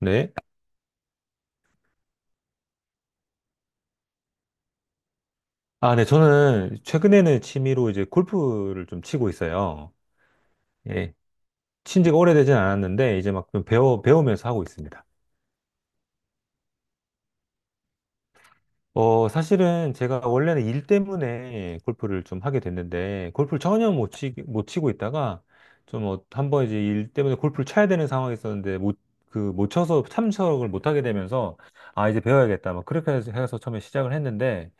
네. 아, 네. 저는 최근에는 취미로 이제 골프를 좀 치고 있어요. 예. 친 지가 오래되진 않았는데, 이제 막좀 배우면서 하고 있습니다. 사실은 제가 원래는 일 때문에 골프를 좀 하게 됐는데, 골프를 전혀 못 치고 있다가, 좀 한번 이제 일 때문에 골프를 쳐야 되는 상황이 있었는데, 못, 못 쳐서 참석을 못 하게 되면서, 아, 이제 배워야겠다. 막 그렇게 해서 처음에 시작을 했는데,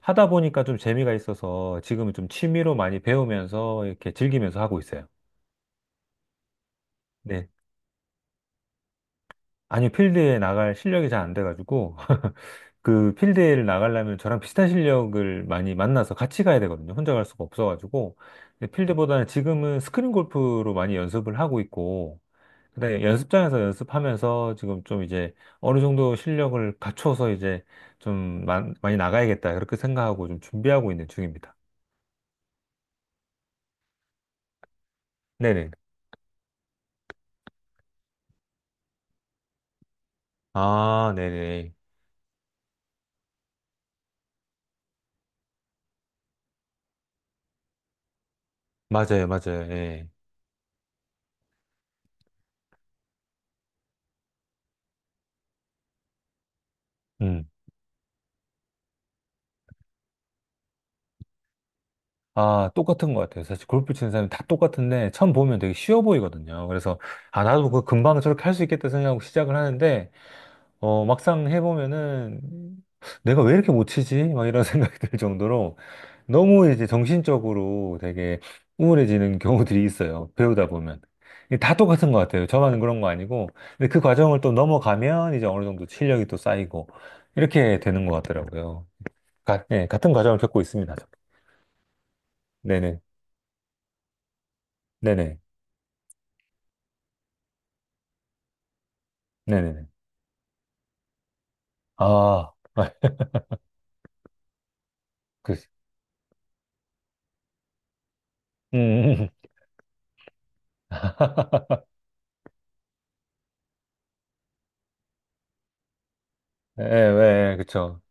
하다 보니까 좀 재미가 있어서 지금은 좀 취미로 많이 배우면서 이렇게 즐기면서 하고 있어요. 네. 아니, 필드에 나갈 실력이 잘 안 돼가지고, 그 필드에 나가려면 저랑 비슷한 실력을 많이 만나서 같이 가야 되거든요. 혼자 갈 수가 없어가지고. 근데 필드보다는 지금은 스크린 골프로 많이 연습을 하고 있고, 그다음에 연습장에서 연습하면서 지금 좀 이제 어느 정도 실력을 갖춰서 이제 좀 많이 나가야겠다. 그렇게 생각하고 좀 준비하고 있는 중입니다. 네네. 아, 네네. 맞아요, 맞아요. 예. 음. 아, 똑같은 것 같아요. 사실 골프 치는 사람이 다 똑같은데 처음 보면 되게 쉬워 보이거든요. 그래서 아, 나도 그 금방 저렇게 할 수 있겠다 생각하고 시작을 하는데 막상 해보면은 내가 왜 이렇게 못 치지? 막 이런 생각이 들 정도로 너무 이제 정신적으로 되게 우울해지는 경우들이 있어요. 배우다 보면. 이게 다 똑같은 것 같아요. 저만 그런 거 아니고. 근데 그 과정을 또 넘어가면 이제 어느 정도 실력이 또 쌓이고 이렇게 되는 것 같더라고요. 예, 같은 과정을 겪고 있습니다. 네네. 네네. 네네네. 아, 아, 그, 음. 예, 예, 예, 예, 그쵸.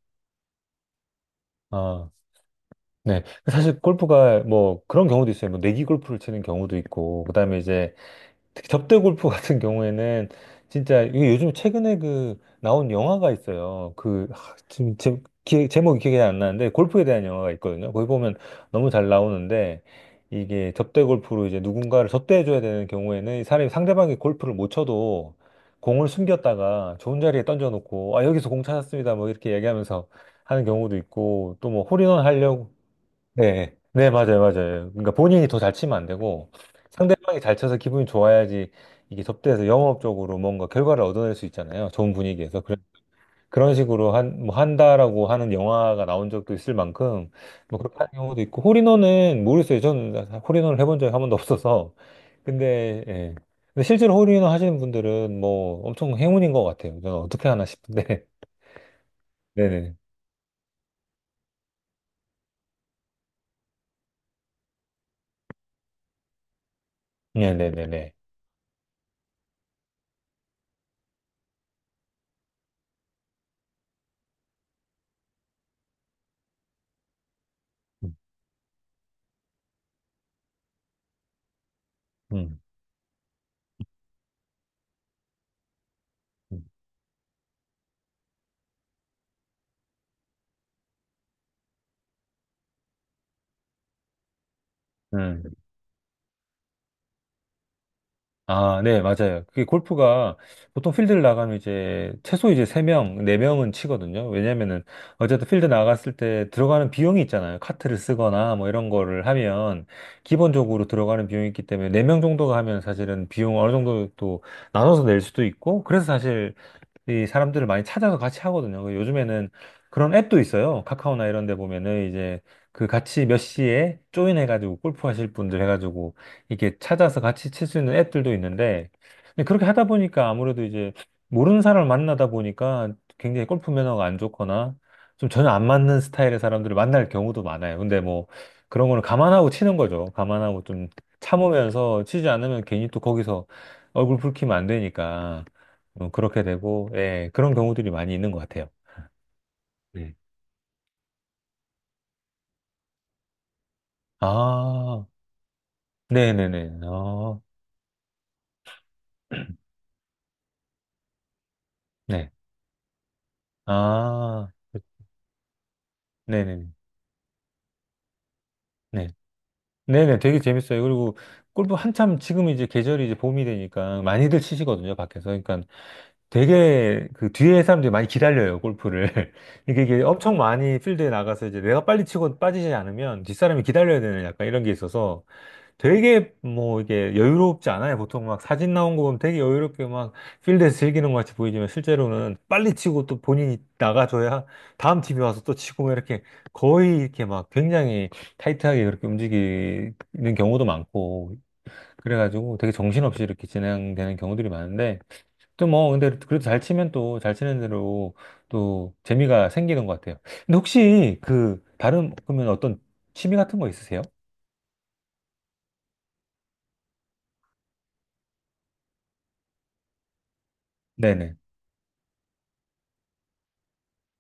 아, 네. 사실 골프가 뭐 그런 경우도 있어요. 뭐 내기 골프를 치는 경우도 있고, 그 다음에 이제 특히 접대 골프 같은 경우에는 진짜 이게 요즘 최근에 그 나온 영화가 있어요. 그 지금 제, 기 제목이 기억이 안 나는데 골프에 대한 영화가 있거든요. 거기 보면 너무 잘 나오는데 이게 접대 골프로 이제 누군가를 접대해 줘야 되는 경우에는 이 사람이 상대방이 골프를 못 쳐도 공을 숨겼다가 좋은 자리에 던져놓고 아 여기서 공 찾았습니다 뭐 이렇게 얘기하면서 하는 경우도 있고 또 뭐 홀인원 하려고 네, 네, 맞아요, 맞아요. 그러니까 본인이 더 잘 치면 안 되고 상대방이 잘 쳐서 기분이 좋아야지 이게 접대해서 영업적으로 뭔가 결과를 얻어낼 수 있잖아요. 좋은 분위기에서. 그런 식으로 뭐 한다라고 하는 영화가 나온 적도 있을 만큼 뭐 그렇게 하는 경우도 있고 홀인원은 모르겠어요. 저는 홀인원을 해본 적이 한 번도 없어서. 근데, 예. 근데 실제로 홀인원 하시는 분들은 뭐 엄청 행운인 것 같아요. 저는 어떻게 하나 싶은데. 네네. 네네네네. 음. 음. 음. 음. 아, 네, 맞아요. 그게 골프가 보통 필드를 나가면 이제 최소 이제 세명네명은 치거든요. 왜냐면은 어쨌든 필드 나갔을 때 들어가는 비용이 있잖아요. 카트를 쓰거나 뭐 이런 거를 하면 기본적으로 들어가는 비용이 있기 때문에 네 명 정도가 하면 사실은 비용 어느 정도 또 나눠서 낼 수도 있고 그래서 사실 이 사람들을 많이 찾아서 같이 하거든요. 그 요즘에는 그런 앱도 있어요. 카카오나 이런 데 보면은 이제 그 같이 몇 시에 조인해가지고 골프 하실 분들 해가지고 이렇게 찾아서 같이 칠 수 있는 앱들도 있는데 근데 그렇게 하다 보니까 아무래도 이제 모르는 사람을 만나다 보니까 굉장히 골프 매너가 안 좋거나 좀 전혀 안 맞는 스타일의 사람들을 만날 경우도 많아요. 근데 뭐 그런 거는 감안하고 치는 거죠. 감안하고 좀 참으면서 치지 않으면 괜히 또 거기서 얼굴 붉히면 안 되니까. 그렇게 되고, 예, 그런 경우들이 많이 있는 것 같아요. 네. 아, 네네네. 아, 네. 아, 네네네. 네. 네네. 되게 재밌어요. 그리고 골프 한참 지금 이제 계절이 이제 봄이 되니까 많이들 치시거든요, 밖에서. 그러니까 되게 그 뒤에 사람들이 많이 기다려요, 골프를. 이게 엄청 많이 필드에 나가서 이제 내가 빨리 치고 빠지지 않으면 뒷사람이 기다려야 되는 약간 이런 게 있어서 되게 뭐 이게 여유롭지 않아요. 보통 막 사진 나온 거 보면 되게 여유롭게 막 필드에서 즐기는 것 같이 보이지만 실제로는 빨리 치고 또 본인이 나가줘야 다음 팀이 와서 또 치고 막 이렇게 거의 이렇게 막 굉장히 타이트하게 그렇게 움직이는 경우도 많고 그래가지고 되게 정신없이 이렇게 진행되는 경우들이 많은데 또 뭐 근데 그래도 잘 치면 또 잘 치는 대로 또 재미가 생기는 것 같아요. 근데 혹시 그 다른 그러면 어떤 취미 같은 거 있으세요? 네네.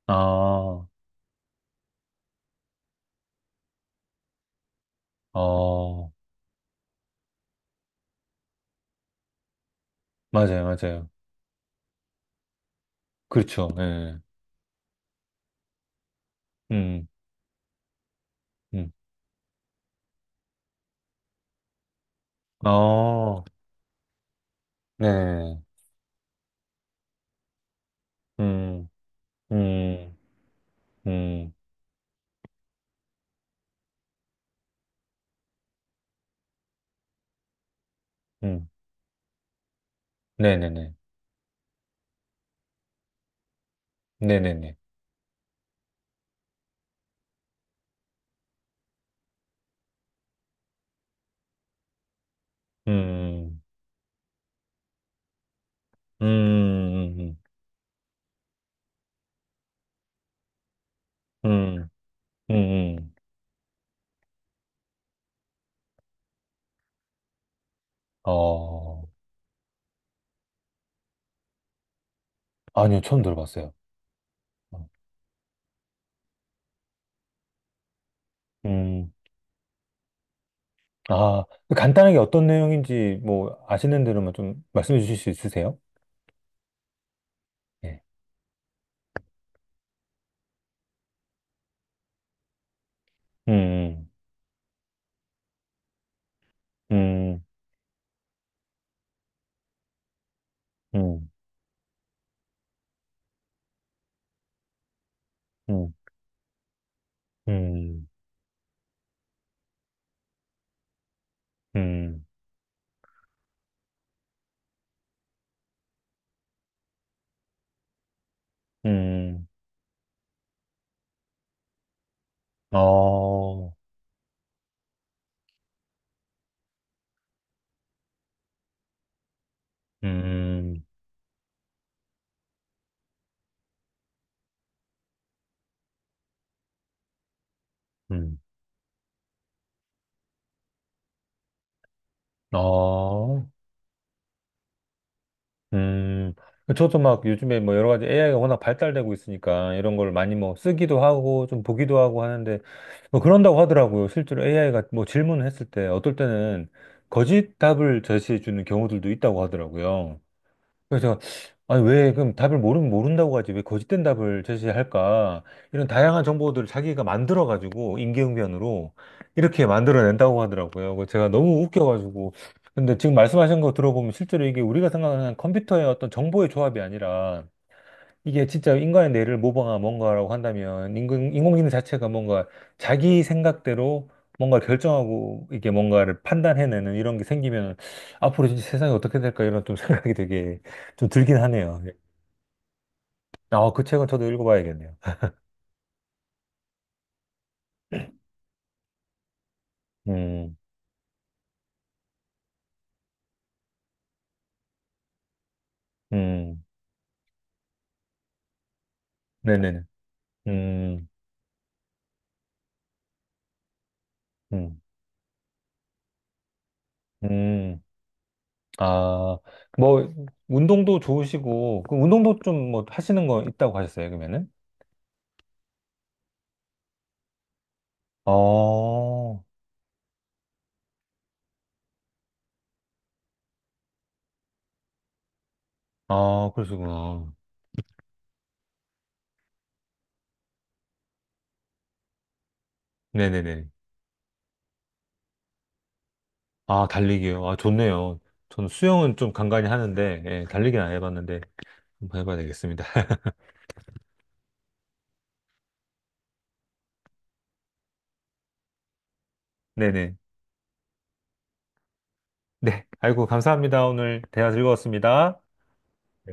아. 어, 맞아요, 맞아요. 그렇죠. 예. 음, 음. 어, 네. 음, 음, 음, 음. 네네 네. 네 네 네. 음, 음, 음, 음, 음, 음. 음. 어, 아니요, 처음 들어봤어요. 음, 아, 간단하게 어떤 내용인지 뭐 아시는 대로만 좀 말씀해 주실 수 있으세요? 예. 음, 음, 음, 음, 음, 음, 음. 음. 어, 음, 음, 어, 음. 저도 막 요즘에 뭐 여러 가지 AI가 워낙 발달되고 있으니까 이런 걸 많이 뭐 쓰기도 하고 좀 보기도 하고 하는데 뭐 그런다고 하더라고요. 실제로 AI가 뭐 질문을 했을 때 어떨 때는 거짓 답을 제시해 주는 경우들도 있다고 하더라고요. 그래서 제가 아니 왜 그럼 답을 모르면 모른다고 하지 왜 거짓된 답을 제시할까 이런 다양한 정보들을 자기가 만들어 가지고 임기응변으로 이렇게 만들어낸다고 하더라고요. 그래서 제가 너무 웃겨가지고 근데 지금 말씀하신 거 들어보면 실제로 이게 우리가 생각하는 컴퓨터의 어떤 정보의 조합이 아니라 이게 진짜 인간의 뇌를 모방한 뭔가라고 한다면 인공지능 자체가 뭔가 자기 생각대로 뭔가 결정하고 이게 뭔가를 판단해내는 이런 게 생기면 앞으로 진짜 세상이 어떻게 될까 이런 좀 생각이 되게 좀 들긴 하네요. 아, 그 책은 저도 읽어봐야겠네요. 음, 음, 네네네. 음, 음, 음. 아, 뭐, 운동도 좋으시고, 그 운동도 좀 뭐 하시는 거 있다고 하셨어요, 그러면은? 아, 아, 그러시구나. 네네네. 아, 달리기요. 아, 좋네요. 저는 수영은 좀 간간히 하는데, 예, 달리기는 안 해봤는데, 한번 해봐야 되겠습니다. 네네. 네. 아이고, 감사합니다. 오늘 대화 즐거웠습니다. 네.